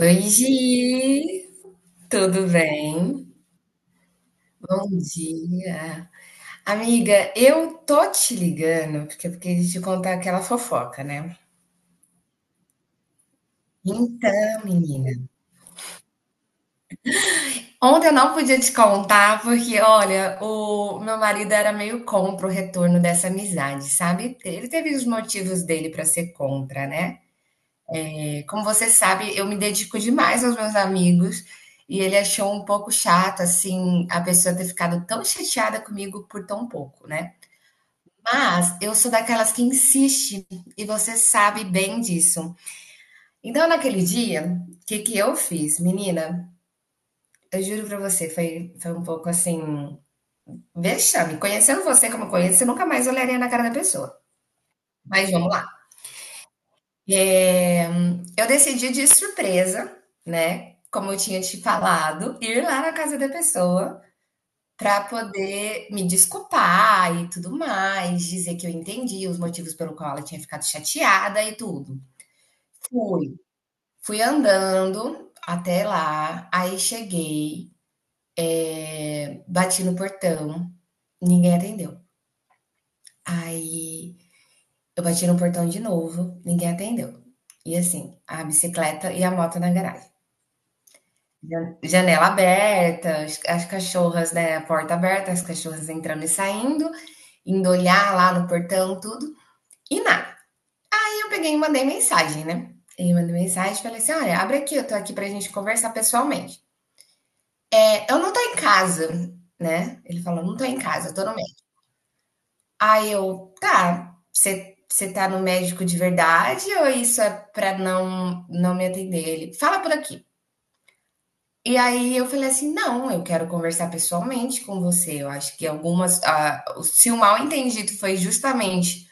Oi, Gi, tudo bem? Bom dia. Amiga, eu tô te ligando porque eu queria te contar aquela fofoca, né? Então, menina, ontem eu não podia te contar porque, olha, o meu marido era meio contra o retorno dessa amizade, sabe? Ele teve os motivos dele pra ser contra, né? Como você sabe, eu me dedico demais aos meus amigos e ele achou um pouco chato, assim, a pessoa ter ficado tão chateada comigo por tão pouco, né? Mas eu sou daquelas que insiste, e você sabe bem disso. Então, naquele dia, o que que eu fiz? Menina, eu juro pra você, foi um pouco assim, vexame. Conhecendo você como eu conheço, eu nunca mais olharia na cara da pessoa. Mas vamos lá. É, eu decidi de surpresa, né? Como eu tinha te falado, ir lá na casa da pessoa pra poder me desculpar e tudo mais, dizer que eu entendi os motivos pelo qual ela tinha ficado chateada e tudo. Fui. Fui andando até lá, aí cheguei, bati no portão, ninguém atendeu. Aí eu bati no portão de novo, ninguém atendeu. E assim, a bicicleta e a moto na garagem. Janela aberta, as cachorras, né? A porta aberta, as cachorras entrando e saindo, indo olhar lá no portão, tudo, e nada. Aí eu peguei e mandei mensagem, né? Eu mandei mensagem e falei assim: olha, abre aqui, eu tô aqui pra gente conversar pessoalmente. Eu não tô em casa, né. Ele falou: "Não tô em casa, tô no médico". Aí eu: "Tá, você tá no médico de verdade ou isso é pra não me atender?" Ele: "Fala por aqui". E aí eu falei assim: "Não, eu quero conversar pessoalmente com você, eu acho que se o mal entendido foi justamente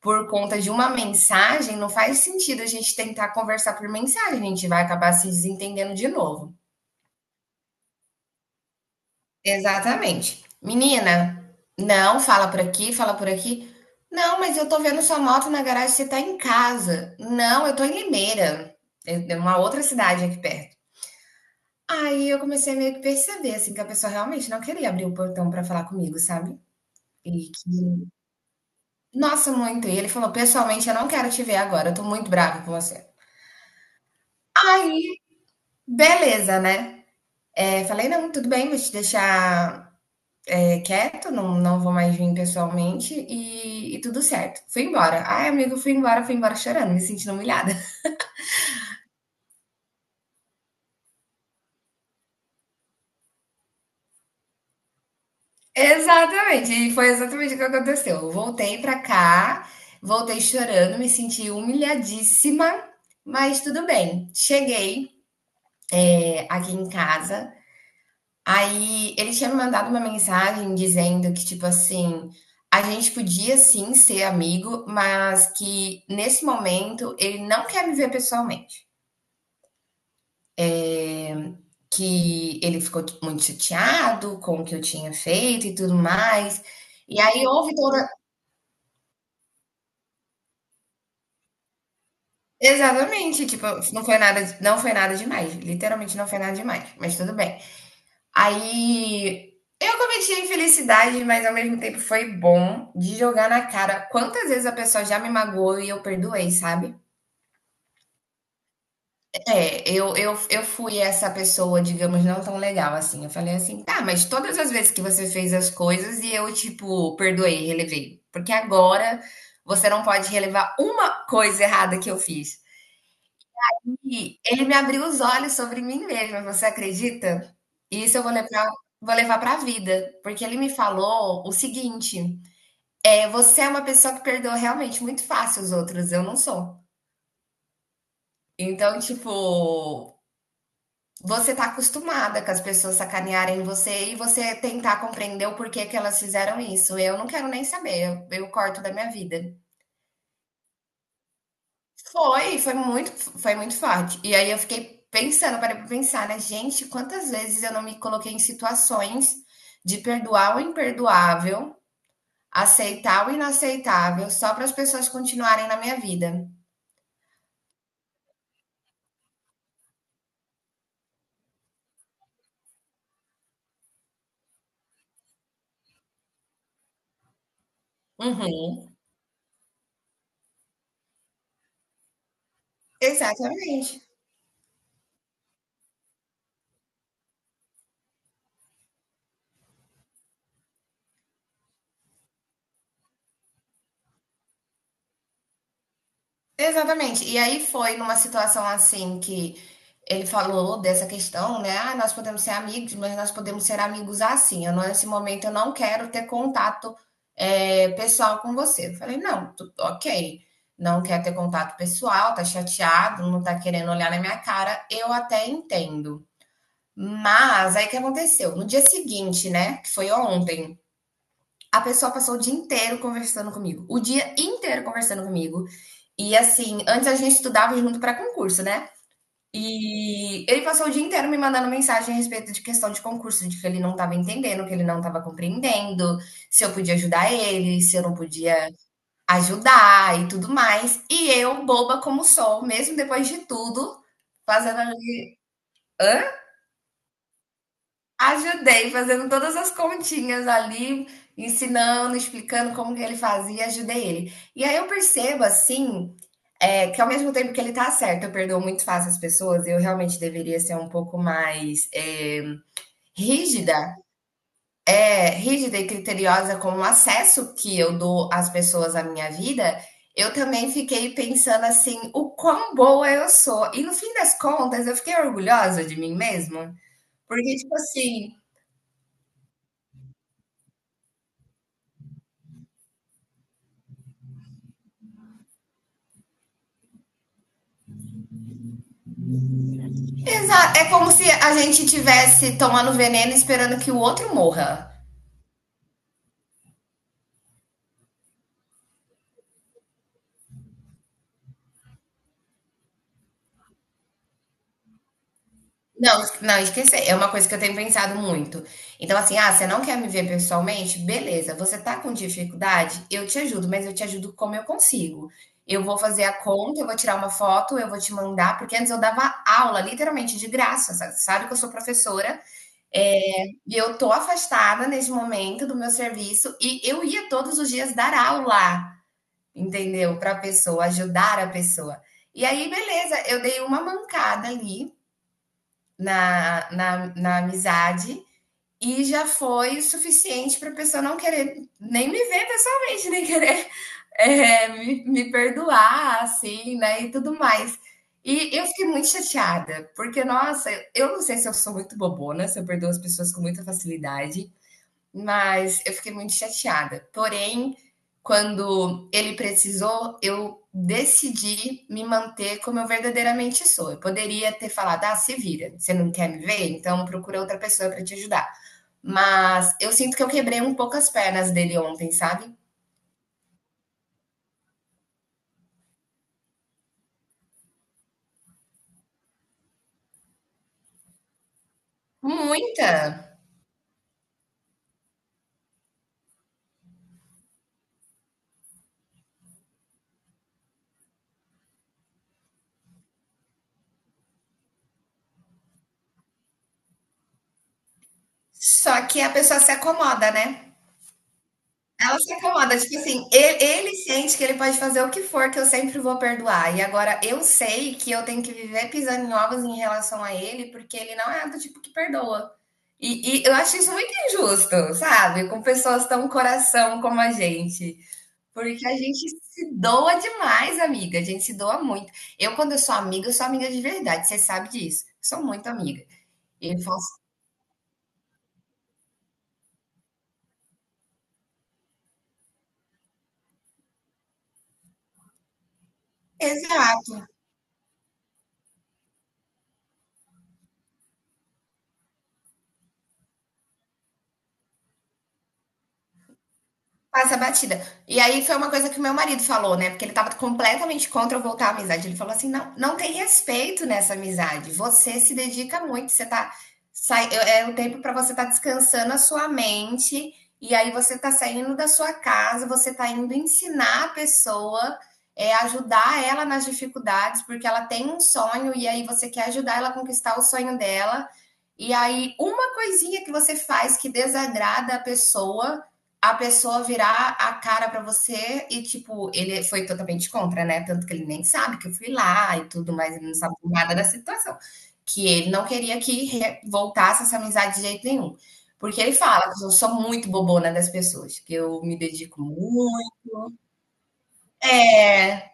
por conta de uma mensagem, não faz sentido a gente tentar conversar por mensagem, a gente vai acabar se desentendendo de novo". Exatamente. Menina, não, fala por aqui, fala por aqui. Não, mas eu tô vendo sua moto na garagem, você tá em casa. Não, eu tô em Limeira, é uma outra cidade aqui perto. Aí eu comecei a meio que perceber, assim, que a pessoa realmente não queria abrir o portão pra falar comigo, sabe? E que, nossa, muito. E ele falou: pessoalmente, eu não quero te ver agora, eu tô muito bravo com você. Aí, beleza, né? É, falei: não, tudo bem, vou te deixar quieto, não, não vou mais vir pessoalmente e tudo certo. Fui embora. Ai, amigo, fui embora chorando, me sentindo humilhada. Exatamente, e foi exatamente o que aconteceu. Voltei pra cá, voltei chorando, me senti humilhadíssima, mas tudo bem. Cheguei aqui em casa, aí ele tinha me mandado uma mensagem dizendo que, tipo assim, a gente podia sim ser amigo, mas que nesse momento ele não quer me ver pessoalmente. Que ele ficou tipo, muito chateado com o que eu tinha feito e tudo mais. E aí houve toda exatamente, tipo, não foi nada demais, literalmente não foi nada demais, mas tudo bem. Aí eu cometi a infelicidade, mas ao mesmo tempo foi bom de jogar na cara quantas vezes a pessoa já me magoou e eu perdoei, sabe? É, eu fui essa pessoa, digamos, não tão legal assim. Eu falei assim, tá, mas todas as vezes que você fez as coisas e eu, tipo, perdoei, relevei. Porque agora você não pode relevar uma coisa errada que eu fiz. E ele me abriu os olhos sobre mim mesma, você acredita? E isso eu vou levar para a vida. Porque ele me falou o seguinte: é, você é uma pessoa que perdoa realmente muito fácil os outros, eu não sou. Então, tipo. Você tá acostumada com as pessoas sacanearem você e você tentar compreender o porquê que elas fizeram isso. Eu não quero nem saber, eu corto da minha vida. Foi, foi muito, Foi muito forte. E aí eu fiquei pensando, parei pra pensar, né? Gente, quantas vezes eu não me coloquei em situações de perdoar o imperdoável, aceitar o inaceitável, só para as pessoas continuarem na minha vida. Uhum. Exatamente. Exatamente. E aí foi numa situação assim que ele falou dessa questão, né? Ah, nós podemos ser amigos, mas nós podemos ser amigos assim. Eu, nesse momento eu não quero ter contato pessoal com você. Eu falei, não, ok. Não quer ter contato pessoal, tá chateado, não tá querendo olhar na minha cara, eu até entendo. Mas aí o que aconteceu? No dia seguinte, né? Que foi ontem, a pessoa passou o dia inteiro conversando comigo. O dia inteiro conversando comigo e assim, antes a gente estudava junto para concurso, né? E ele passou o dia inteiro me mandando mensagem a respeito de questão de concurso, de que ele não estava entendendo, que ele não estava compreendendo, se eu podia ajudar ele, se eu não podia ajudar e tudo mais. E eu, boba como sou, mesmo depois de tudo, fazendo ali. Ajudei fazendo todas as continhas ali, ensinando, explicando como que ele fazia, ajudei ele. E aí eu percebo assim, que ao mesmo tempo que ele tá certo, eu perdoo muito fácil as pessoas, eu realmente deveria ser um pouco mais, rígida rígida e criteriosa com o acesso que eu dou às pessoas à minha vida, eu também fiquei pensando assim, o quão boa eu sou. E no fim das contas, eu fiquei orgulhosa de mim mesma, porque tipo assim. Exato. É como se a gente tivesse tomando veneno esperando que o outro morra. Não, não esquecer. É uma coisa que eu tenho pensado muito. Então, assim, ah, você não quer me ver pessoalmente? Beleza. Você tá com dificuldade? Eu te ajudo, mas eu te ajudo como eu consigo. Eu vou fazer a conta, eu vou tirar uma foto, eu vou te mandar, porque antes eu dava aula, literalmente, de graça. Sabe, sabe que eu sou professora, é, e eu tô afastada nesse momento do meu serviço, e eu ia todos os dias dar aula. Entendeu? Para a pessoa, ajudar a pessoa. E aí, beleza, eu dei uma mancada ali na amizade e já foi o suficiente para a pessoa não querer nem me ver pessoalmente, nem querer me perdoar, assim, né? E tudo mais. E eu fiquei muito chateada, porque, nossa, eu não sei se eu sou muito bobona, se eu perdoo as pessoas com muita facilidade, mas eu fiquei muito chateada. Porém, quando ele precisou, eu decidi me manter como eu verdadeiramente sou. Eu poderia ter falado: ah, se vira, você não quer me ver? Então procura outra pessoa para te ajudar. Mas eu sinto que eu quebrei um pouco as pernas dele ontem, sabe? Muita! Só que a pessoa se acomoda, né? Ela se acomoda, tipo assim, ele sente que ele pode fazer o que for, que eu sempre vou perdoar. E agora eu sei que eu tenho que viver pisando em ovos em relação a ele, porque ele não é do tipo que perdoa. E eu acho isso muito injusto, sabe? Com pessoas tão coração como a gente. Porque a gente se doa demais, amiga. A gente se doa muito. Eu, quando eu sou amiga de verdade. Você sabe disso. Eu sou muito amiga. Eu faço. Exato. Passa batida. E aí foi uma coisa que o meu marido falou, né? Porque ele tava completamente contra eu voltar à amizade. Ele falou assim: não, não tem respeito nessa amizade. Você se dedica muito, você tá. Sai, é um tempo para você estar tá descansando a sua mente, e aí você tá saindo da sua casa, você tá indo ensinar a pessoa, ajudar ela nas dificuldades, porque ela tem um sonho, e aí você quer ajudar ela a conquistar o sonho dela. E aí, uma coisinha que você faz que desagrada a pessoa virar a cara pra você e, tipo, ele foi totalmente contra, né? Tanto que ele nem sabe que eu fui lá e tudo, mas ele não sabe nada da situação. Que ele não queria que voltasse essa amizade de jeito nenhum. Porque ele fala que eu sou muito bobona das pessoas, que eu me dedico muito. É.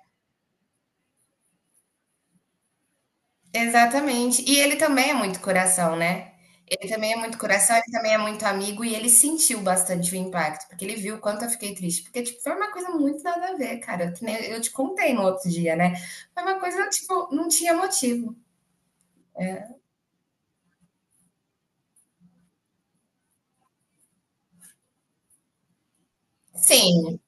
Exatamente. E ele também é muito coração, né. Ele também é muito coração, ele também é muito amigo e ele sentiu bastante o impacto, porque ele viu o quanto eu fiquei triste, porque, tipo, foi uma coisa muito nada a ver, cara, que nem eu te contei no outro dia, né, foi uma coisa, tipo, não tinha motivo. Sim.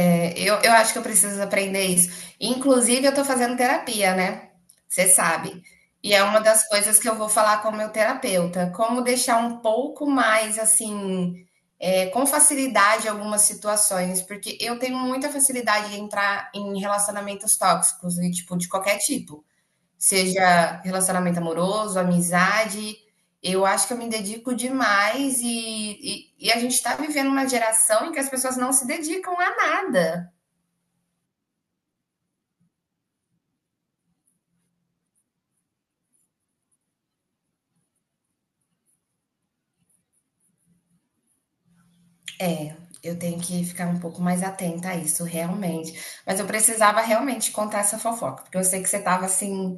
É, eu acho que eu preciso aprender isso. Inclusive, eu tô fazendo terapia, né? Você sabe. E é uma das coisas que eu vou falar com o meu terapeuta. Como deixar um pouco mais, assim, com facilidade algumas situações. Porque eu tenho muita facilidade de entrar em relacionamentos tóxicos, e, tipo, de qualquer tipo. Seja relacionamento amoroso, amizade. Eu acho que eu me dedico demais e a gente está vivendo uma geração em que as pessoas não se dedicam a nada. É, eu tenho que ficar um pouco mais atenta a isso, realmente. Mas eu precisava realmente contar essa fofoca, porque eu sei que você estava assim,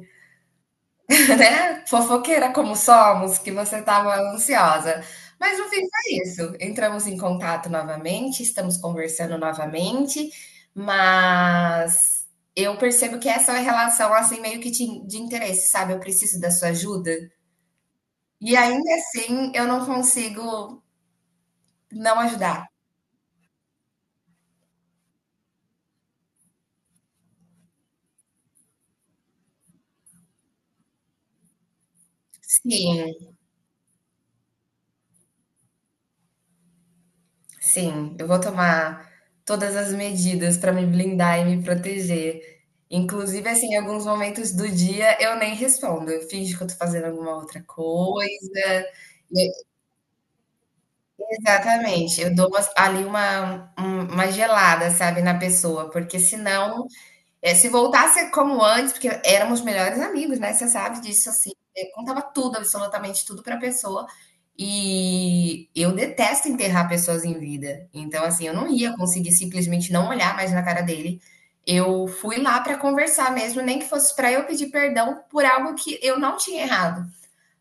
né, fofoqueira como somos, que você estava ansiosa. Mas no fim foi isso. Entramos em contato novamente, estamos conversando novamente, mas eu percebo que essa é uma relação assim meio que de interesse, sabe? Eu preciso da sua ajuda. E ainda assim eu não consigo não ajudar. Sim. Sim, eu vou tomar todas as medidas para me blindar e me proteger. Inclusive, assim, em alguns momentos do dia eu nem respondo, eu finjo que eu tô fazendo alguma outra coisa. E exatamente, eu dou umas ali uma gelada, sabe, na pessoa, porque senão se voltasse como antes, porque éramos melhores amigos, né? Você sabe disso, assim. Eu contava tudo, absolutamente tudo pra pessoa. E eu detesto enterrar pessoas em vida. Então, assim, eu não ia conseguir simplesmente não olhar mais na cara dele. Eu fui lá pra conversar mesmo, nem que fosse pra eu pedir perdão por algo que eu não tinha errado.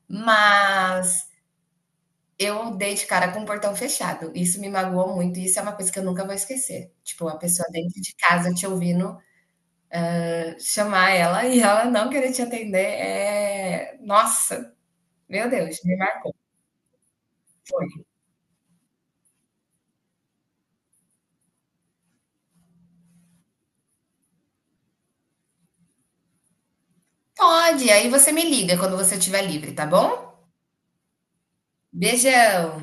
Mas eu dei de cara com o portão fechado. Isso me magoou muito. Isso é uma coisa que eu nunca vou esquecer. Tipo, a pessoa dentro de casa te ouvindo chamar ela e ela não querer te atender é. Nossa, meu Deus, me marca. Pode, aí você me liga quando você estiver livre, tá bom? Beijão!